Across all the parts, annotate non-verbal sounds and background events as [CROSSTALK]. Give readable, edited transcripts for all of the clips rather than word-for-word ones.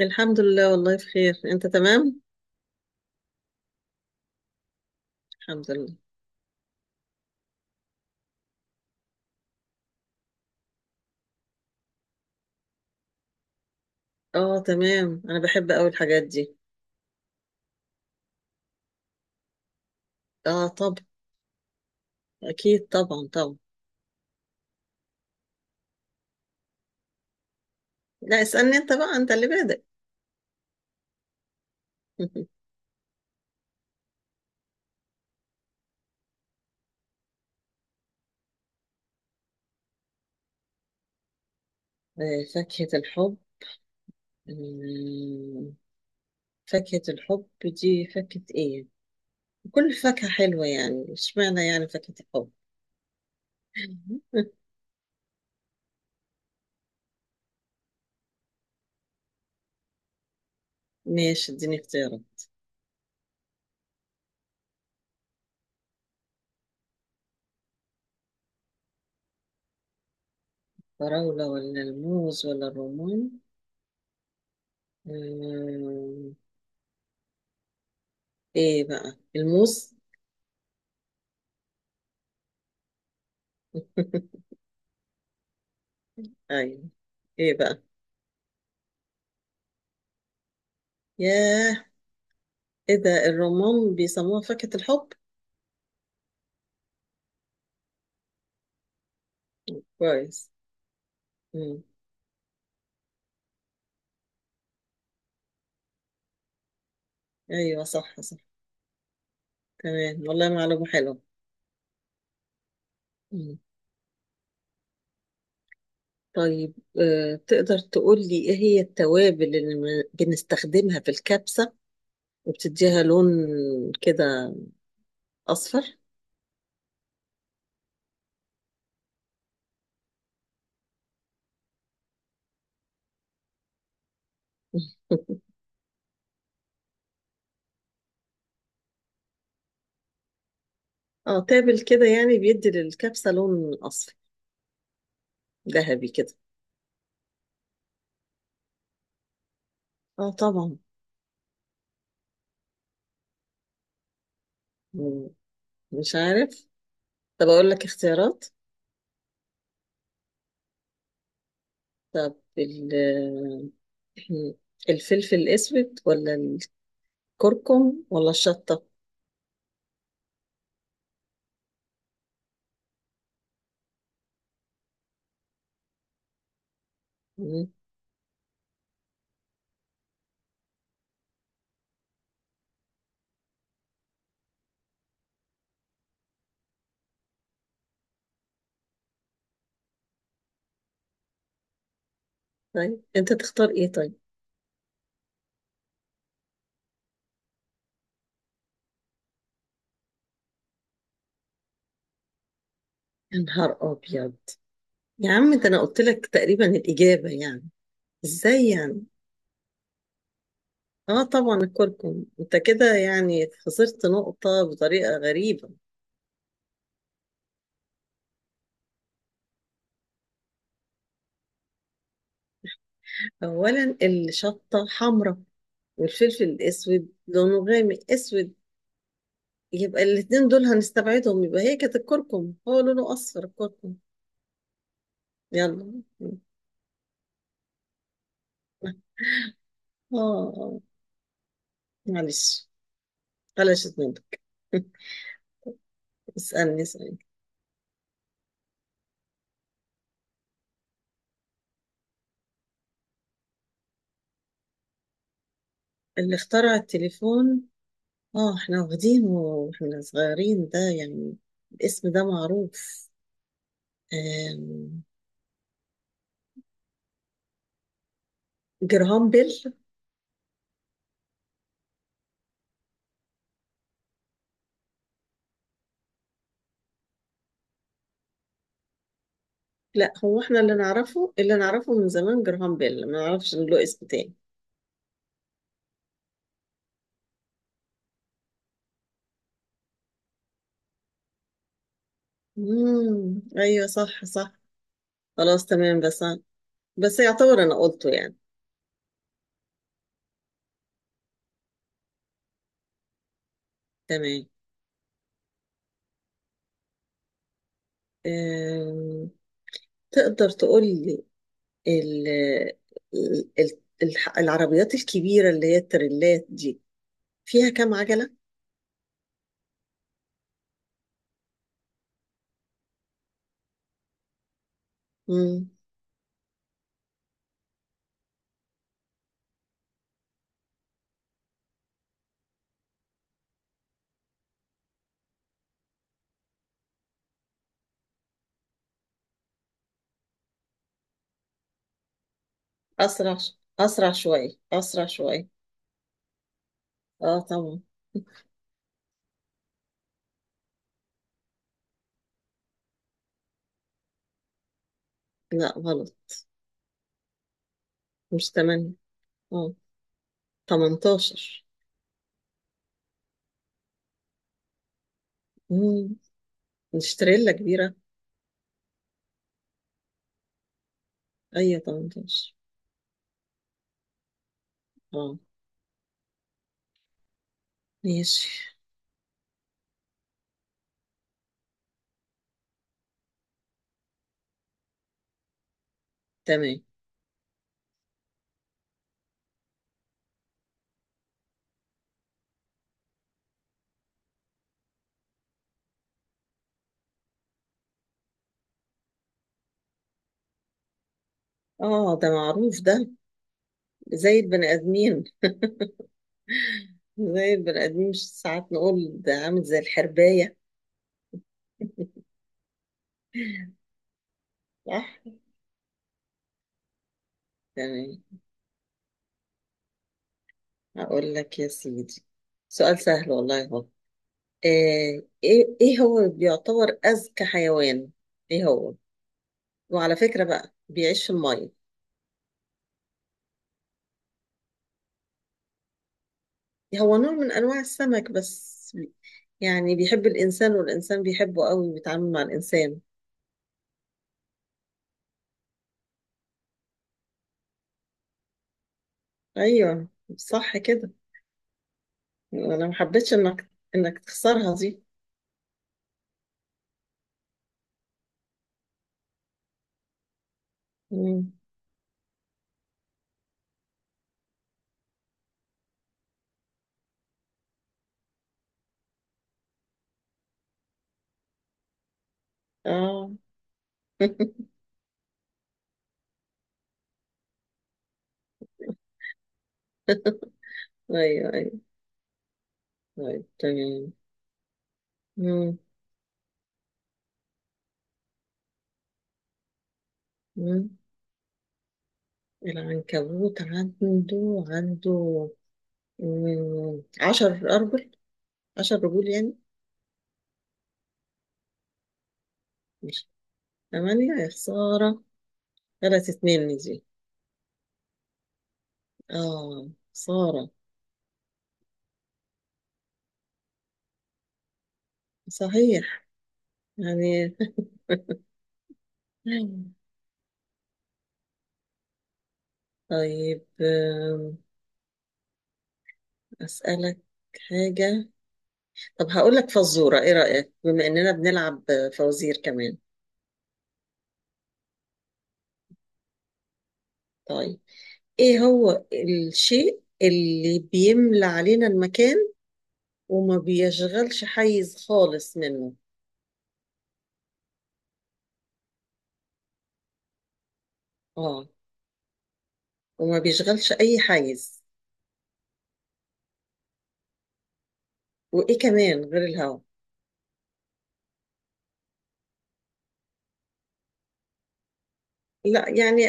الحمد لله، والله بخير. انت تمام؟ الحمد لله. اه، تمام. انا بحب قوي الحاجات دي. اه، طب. اكيد، طبعا طبعا. لا، اسألني انت بقى. انت اللي بادئ. [LAUGHS] آه، فاكهة الحب. مم، فاكهة الحب دي فاكهة ايه؟ كل فاكهة حلوة يعني، اشمعنى يعني فاكهة الحب؟ [LAUGHS] ماشي، اديني اختيارات. فراولة ولا الموز ولا الرمان؟ مم، ايه بقى؟ الموز؟ [LAUGHS] ايوه. ايه بقى؟ ياه. ايه ده؟ الرمان بيسموها فاكهة الحب؟ كويس. مم. ايوه، صح صح. تمام. والله معلومة حلوة. مم. طيب، تقدر تقول لي ايه هي التوابل اللي بنستخدمها في الكبسة، وبتديها لون كده اصفر؟ [LAUGHS] اه، تابل كده يعني بيدي للكبسة لون اصفر ذهبي كده. اه، طبعا. مم. مش عارف. طب اقول لك اختيارات. طب [CLEARS THROAT] الفلفل الاسود، ولا كركم، ولا الشطة؟ مم. طيب، انت تختار ايه طيب؟ يا نهار ابيض! يا عم، ده انا قلت لك تقريبا الاجابة يعني. ازاي يعني؟ اه طبعا الكركم. انت كده يعني خسرت نقطة بطريقة غريبة. اولا الشطة حمراء، والفلفل الاسود لونه غامق اسود. يبقى الاتنين دول هنستبعدهم. يبقى هي كانت الكركم، هو لونه اصفر الكركم. يلا. اه، آه. معلش. قلشت منك. [LAUGHS] اسألني، اسألني. اللي اخترع التليفون؟ اه، احنا واخدينه واحنا صغيرين ده يعني. الاسم ده معروف. آم، جراهام بيل. لا، هو احنا اللي نعرفه اللي نعرفه من زمان جراهام بيل، ما نعرفش إن له اسم تاني. ايوه، صح صح. خلاص، تمام. بس يعتبر انا قلته يعني. تمام. آم، تقدر تقول لي ال العربيات الكبيرة اللي هي التريلات دي فيها كام عجلة؟ أسرع شوية، أسرع شوية. اه، طبعا. لا، غلط. مش 8؟ اه، 18. مم. نشتريلا كبيرة. أيوة، 18. اه. ماشي، تمام. اه، ده معروف ده. زي البني آدمين. زي البني آدمين، مش ساعات نقول ده عامل زي الحرباية؟ صح. تمام. أقول لك يا سيدي، سؤال سهل والله هو. ايه هو بيعتبر أذكى حيوان؟ ايه هو؟ وعلى فكرة بقى، بيعيش في المية. هو نوع من أنواع السمك بس. يعني بيحب الإنسان، والإنسان بيحبه قوي، بيتعامل مع الإنسان. أيوه، صح كده. أنا ما حبيتش إنك تخسرها دي. مم. آه. [LAUGHS] أيوه، أيوه. طيب، تمام. مم. مم. العنكبوت عنده 10 أرجل، 10 رجول يعني. مش. 8 يا خسارة. غلطت مني دي. آه، خسارة. صحيح. يعني. مم. طيب، أسألك حاجة. طب هقول لك فزورة. إيه رأيك بما إننا بنلعب فوازير كمان؟ طيب، إيه هو الشيء اللي بيملى علينا المكان، وما بيشغلش حيز خالص منه؟ آه، وما بيشغلش أي حيز. وإيه كمان غير الهواء؟ لا، يعني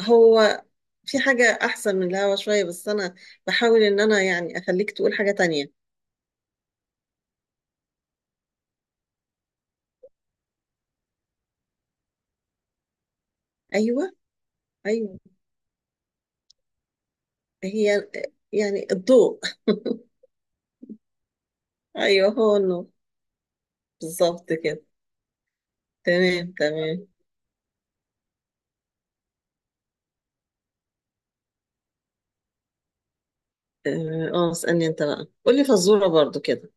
هو في حاجة أحسن من الهواء شوية، بس أنا بحاول إن أنا يعني أخليك تقول حاجة تانية. أيوه، أيوه. هي يعني الضوء. [LAUGHS] ايوه، هو النور. بالظبط كده. تمام، تمام. اه، اسألني انت بقى، قولي فزورة برضو كده.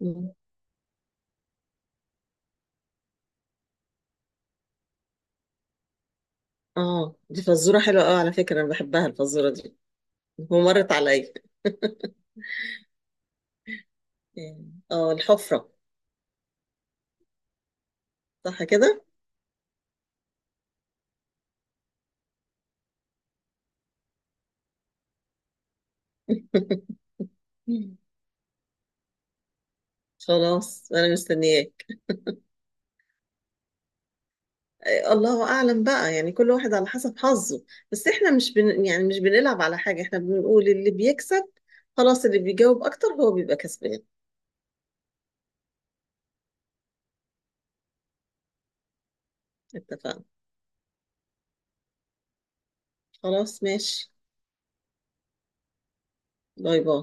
مم. اه، دي فزورة حلوة قوي على فكرة، انا بحبها الفزورة دي. ومرت عليا. اه، الحفرة. صح كده. [LAUGHS] خلاص، انا مستنياك. الله اعلم بقى، يعني كل واحد على حسب حظه. بس احنا مش بن... يعني مش بنلعب على حاجة، احنا بنقول اللي بيكسب. خلاص، اللي بيجاوب اكتر هو بيبقى كسبان. اتفقنا. خلاص، ماشي. باي باي.